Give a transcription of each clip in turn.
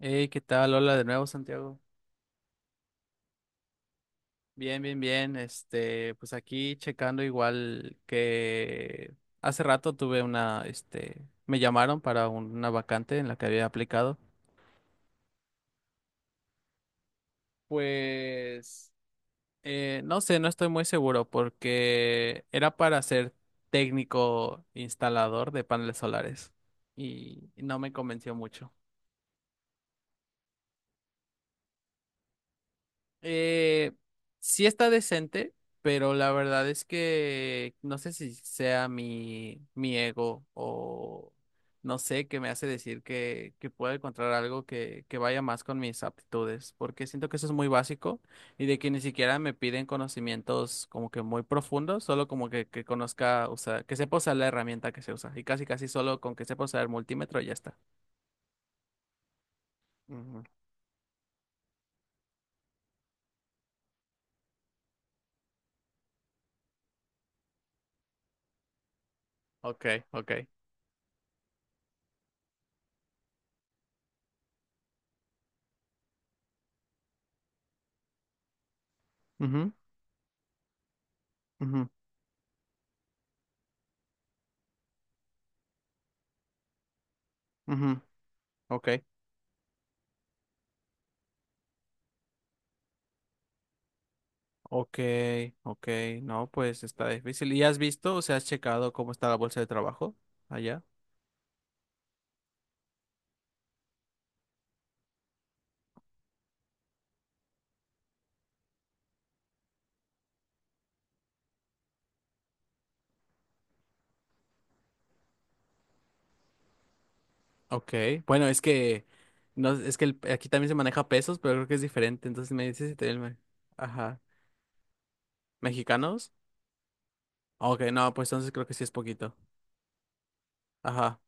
Hey, ¿qué tal? Hola de nuevo, Santiago. Bien, bien, bien. Pues aquí checando igual que hace rato tuve una, me llamaron para una vacante en la que había aplicado. Pues, no sé, no estoy muy seguro porque era para ser técnico instalador de paneles solares y no me convenció mucho. Eh, sí está decente, pero la verdad es que no sé si sea mi ego o no sé qué me hace decir que pueda encontrar algo que vaya más con mis aptitudes, porque siento que eso es muy básico y de que ni siquiera me piden conocimientos como que muy profundos, solo como que conozca, o sea, que sepa usar la herramienta que se usa y casi casi solo con que sepa usar el multímetro ya está. Ujú. Ok, ok. Ujú, ujú, ujú, ok. Ok, ok, no, pues está difícil. ¿Y has visto, o sea, has checado cómo está la bolsa de trabajo allá? Ok, bueno, es que no, es que el- aquí también se maneja pesos, pero creo que es diferente. Entonces me dices si te me- ajá, mexicanos. Ok, no, pues entonces creo que sí es poquito. Ajá,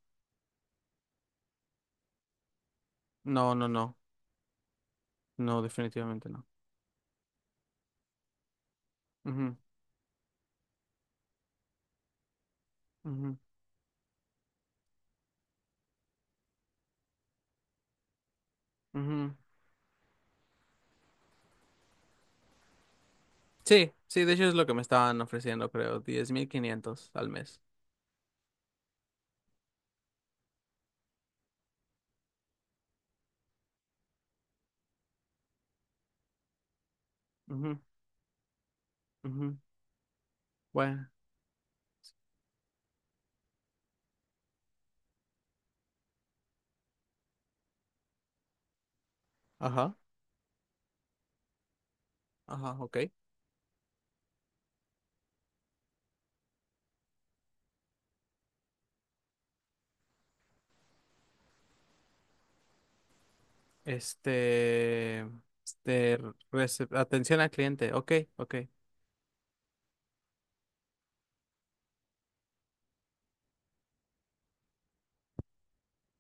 no, no, no, no, definitivamente no. Ujú, ujú, ujú. Sí, sí, de hecho es lo que me estaban ofreciendo, creo, 10,500 al mes. Ujú, ujú. Bueno, ajá, ajá, ok. Este, este, recep- atención al cliente. Ok, ok.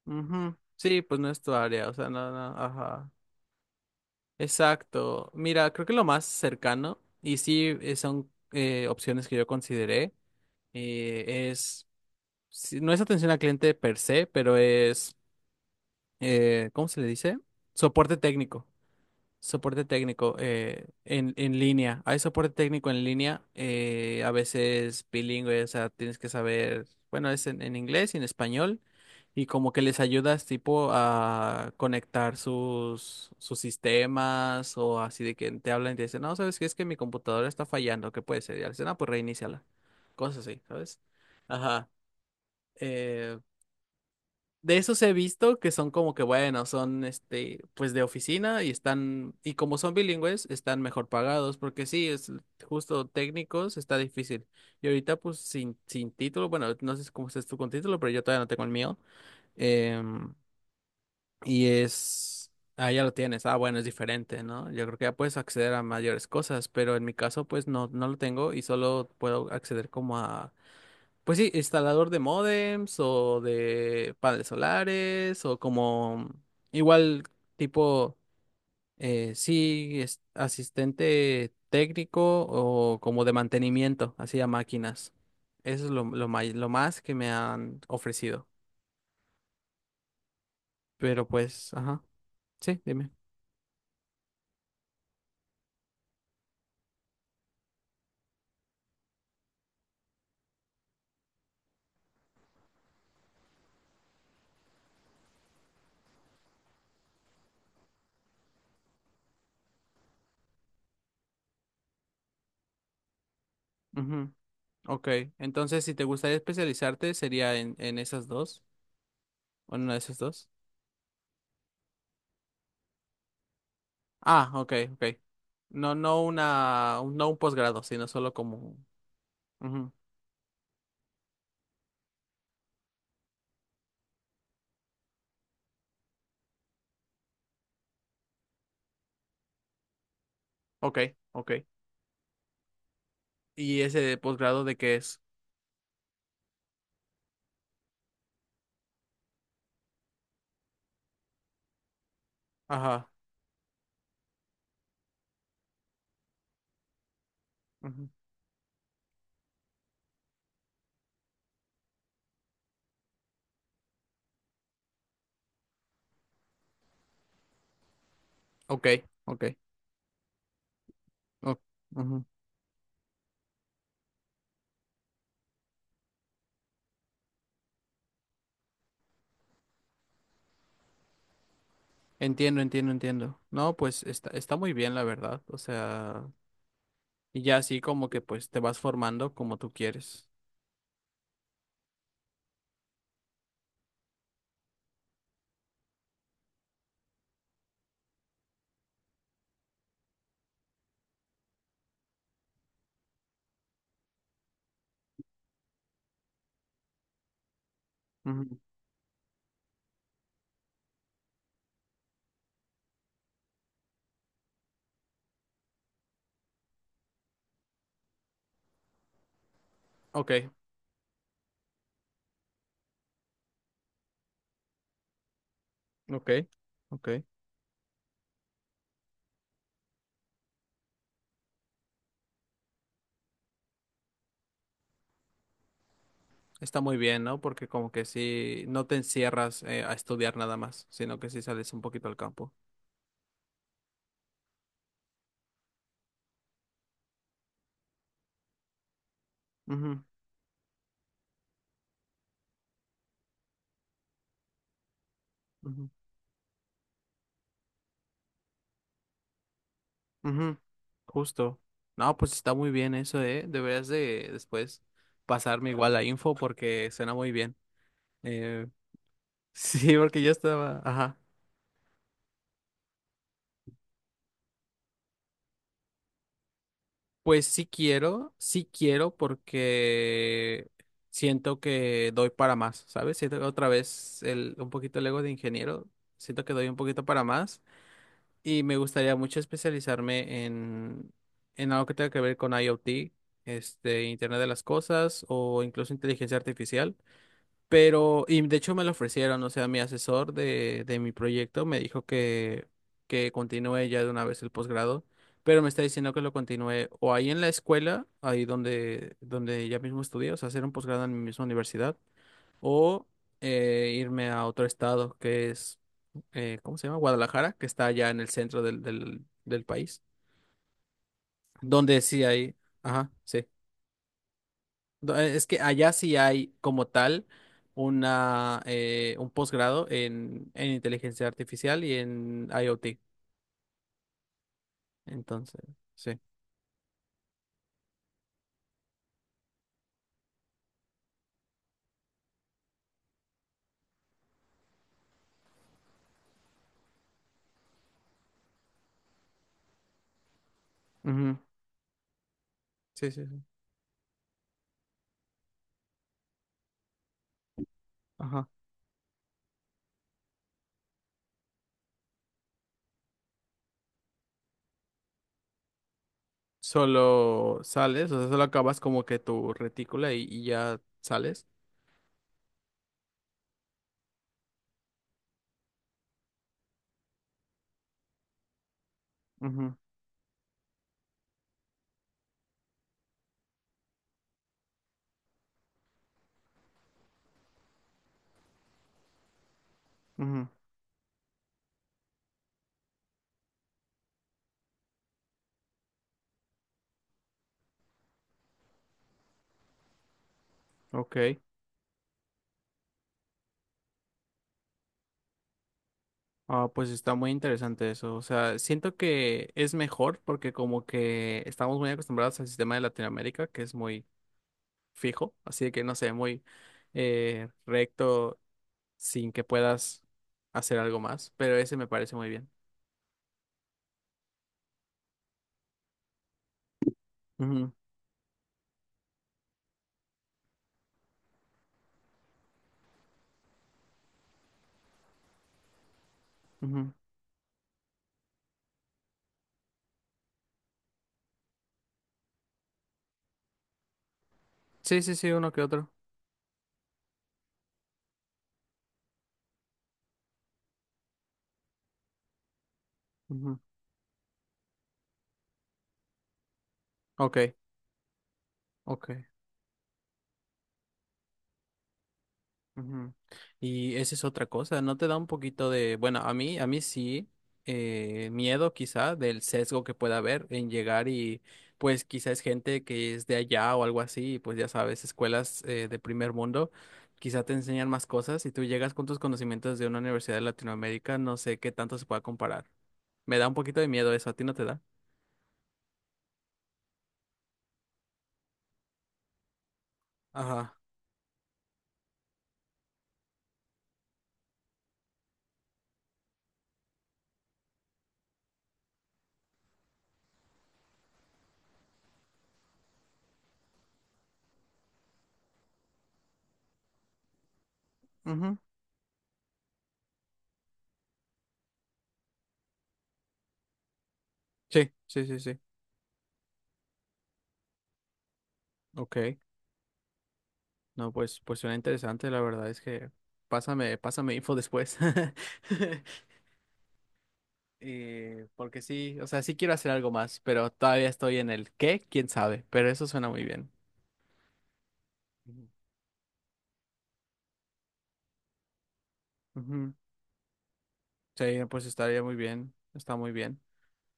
Ujú. Sí, pues no es tu área, o sea, no, no, ajá. Exacto. Mira, creo que lo más cercano, y sí son opciones que yo consideré, es sí, no es atención al cliente per se, pero es, ¿cómo se le dice? Soporte técnico. Soporte técnico en línea. Hay soporte técnico en línea, a veces bilingüe, o sea, tienes que saber, bueno, es en inglés y en español, y como que les ayudas tipo a conectar sus sistemas o así de que te hablan y te dicen, no, ¿sabes qué? Es que mi computadora está fallando, ¿qué puede ser? Y al dicen, ah, pues reiníciala. Cosas así, ¿sabes? Ajá. eh, de esos he visto que son como que, bueno, son este, pues de oficina y están, y como son bilingües, están mejor pagados, porque sí, es justo técnicos, está difícil. Y ahorita, pues, sin título, bueno, no sé cómo estás tú con título, pero yo todavía no tengo el mío. em, y es, ah, ya lo tienes, ah, bueno, es diferente, ¿no? Yo creo que ya puedes acceder a mayores cosas, pero en mi caso, pues, no, no lo tengo y solo puedo acceder como a pues sí, instalador de módems o de paneles solares o como igual tipo, sí, es- asistente técnico o como de mantenimiento, así a máquinas. Eso es lo, may- lo más que me han ofrecido. Pero pues, ajá, sí, dime. Ujú, ok, entonces si te gustaría especializarte sería en esas dos, o en una de esas dos. Ah, ok, ok. No, no una, un- no un posgrado, sino solo como ujú. Ok, ok. ¿Y ese de posgrado de qué es? Ajá. Ujú. Ok, ok. o- ujú. Entiendo, entiendo, entiendo. No, pues está, está muy bien, la verdad. O sea, y ya así como que pues te vas formando como tú quieres. Ujú. Ok, ok, ok. Está muy bien, ¿no? Porque como que sí, no te encierras a estudiar nada más, sino que sí sales un poquito al campo. Ujú, ujú. Ujú, justo. No, pues está muy bien eso, ¿eh? Deberías de después pasarme igual la info porque suena muy bien. Eh, sí, porque yo estaba... Ajá. Pues sí quiero porque siento que doy para más, ¿sabes? Siento que otra vez un poquito el ego de ingeniero, siento que doy un poquito para más y me gustaría mucho especializarme en algo que tenga que ver con IoT, este, Internet de las Cosas o incluso inteligencia artificial. Pero, y de hecho me lo ofrecieron, o sea, mi asesor de mi proyecto me dijo que continúe ya de una vez el posgrado, pero me está diciendo que lo continúe o ahí en la escuela, ahí donde, donde ya mismo estudié, o sea, hacer un posgrado en mi misma universidad, o irme a otro estado que es, ¿cómo se llama? Guadalajara, que está allá en el centro del país, donde sí hay, ajá, sí. No, es que allá sí hay como tal un posgrado en inteligencia artificial y en IoT. Entonces, sí. Ujú. Sí, sí, sí. Ajá. Solo sales, o sea, solo acabas como que tu retícula y ya sales. Ujú, ujú. Ok. Ah, pues está muy interesante eso. O sea, siento que es mejor porque como que estamos muy acostumbrados al sistema de Latinoamérica, que es muy fijo, así de que no sé, muy recto sin que puedas hacer algo más, pero ese me parece muy bien. Ujú, ujú. Sí, sí, sí, uno que otro. Ujú. Ok, ok. Ujú. Y esa es otra cosa, ¿no te da un poquito de, bueno, a mí sí, miedo quizá del sesgo que pueda haber en llegar y pues quizá es gente que es de allá o algo así, y, pues ya sabes, escuelas de primer mundo, quizá te enseñan más cosas y tú llegas con tus conocimientos de una universidad de Latinoamérica, no sé qué tanto se pueda comparar. Me da un poquito de miedo eso, ¿a ti no te da? Ajá. Ujú. Sí, sí, sí, sí. Ok. No, pues, pues suena interesante, la verdad es que pásame, pásame info después. Porque sí, o sea, sí quiero hacer algo más, pero todavía estoy en el qué, quién sabe, pero eso suena muy bien. Ujú. Ujú. Sí, pues estaría muy bien, está muy bien.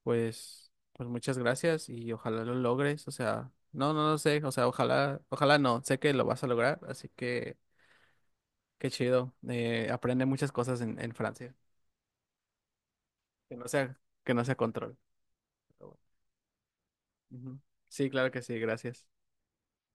Pues, pues muchas gracias y ojalá lo logres, o sea, no, no, no sé, o sea, ojalá, ojalá no, sé que lo vas a lograr, así que qué chido. Aprende muchas cosas en Francia, que no sea, que no sea control. Ujú. Sí, claro que sí, gracias.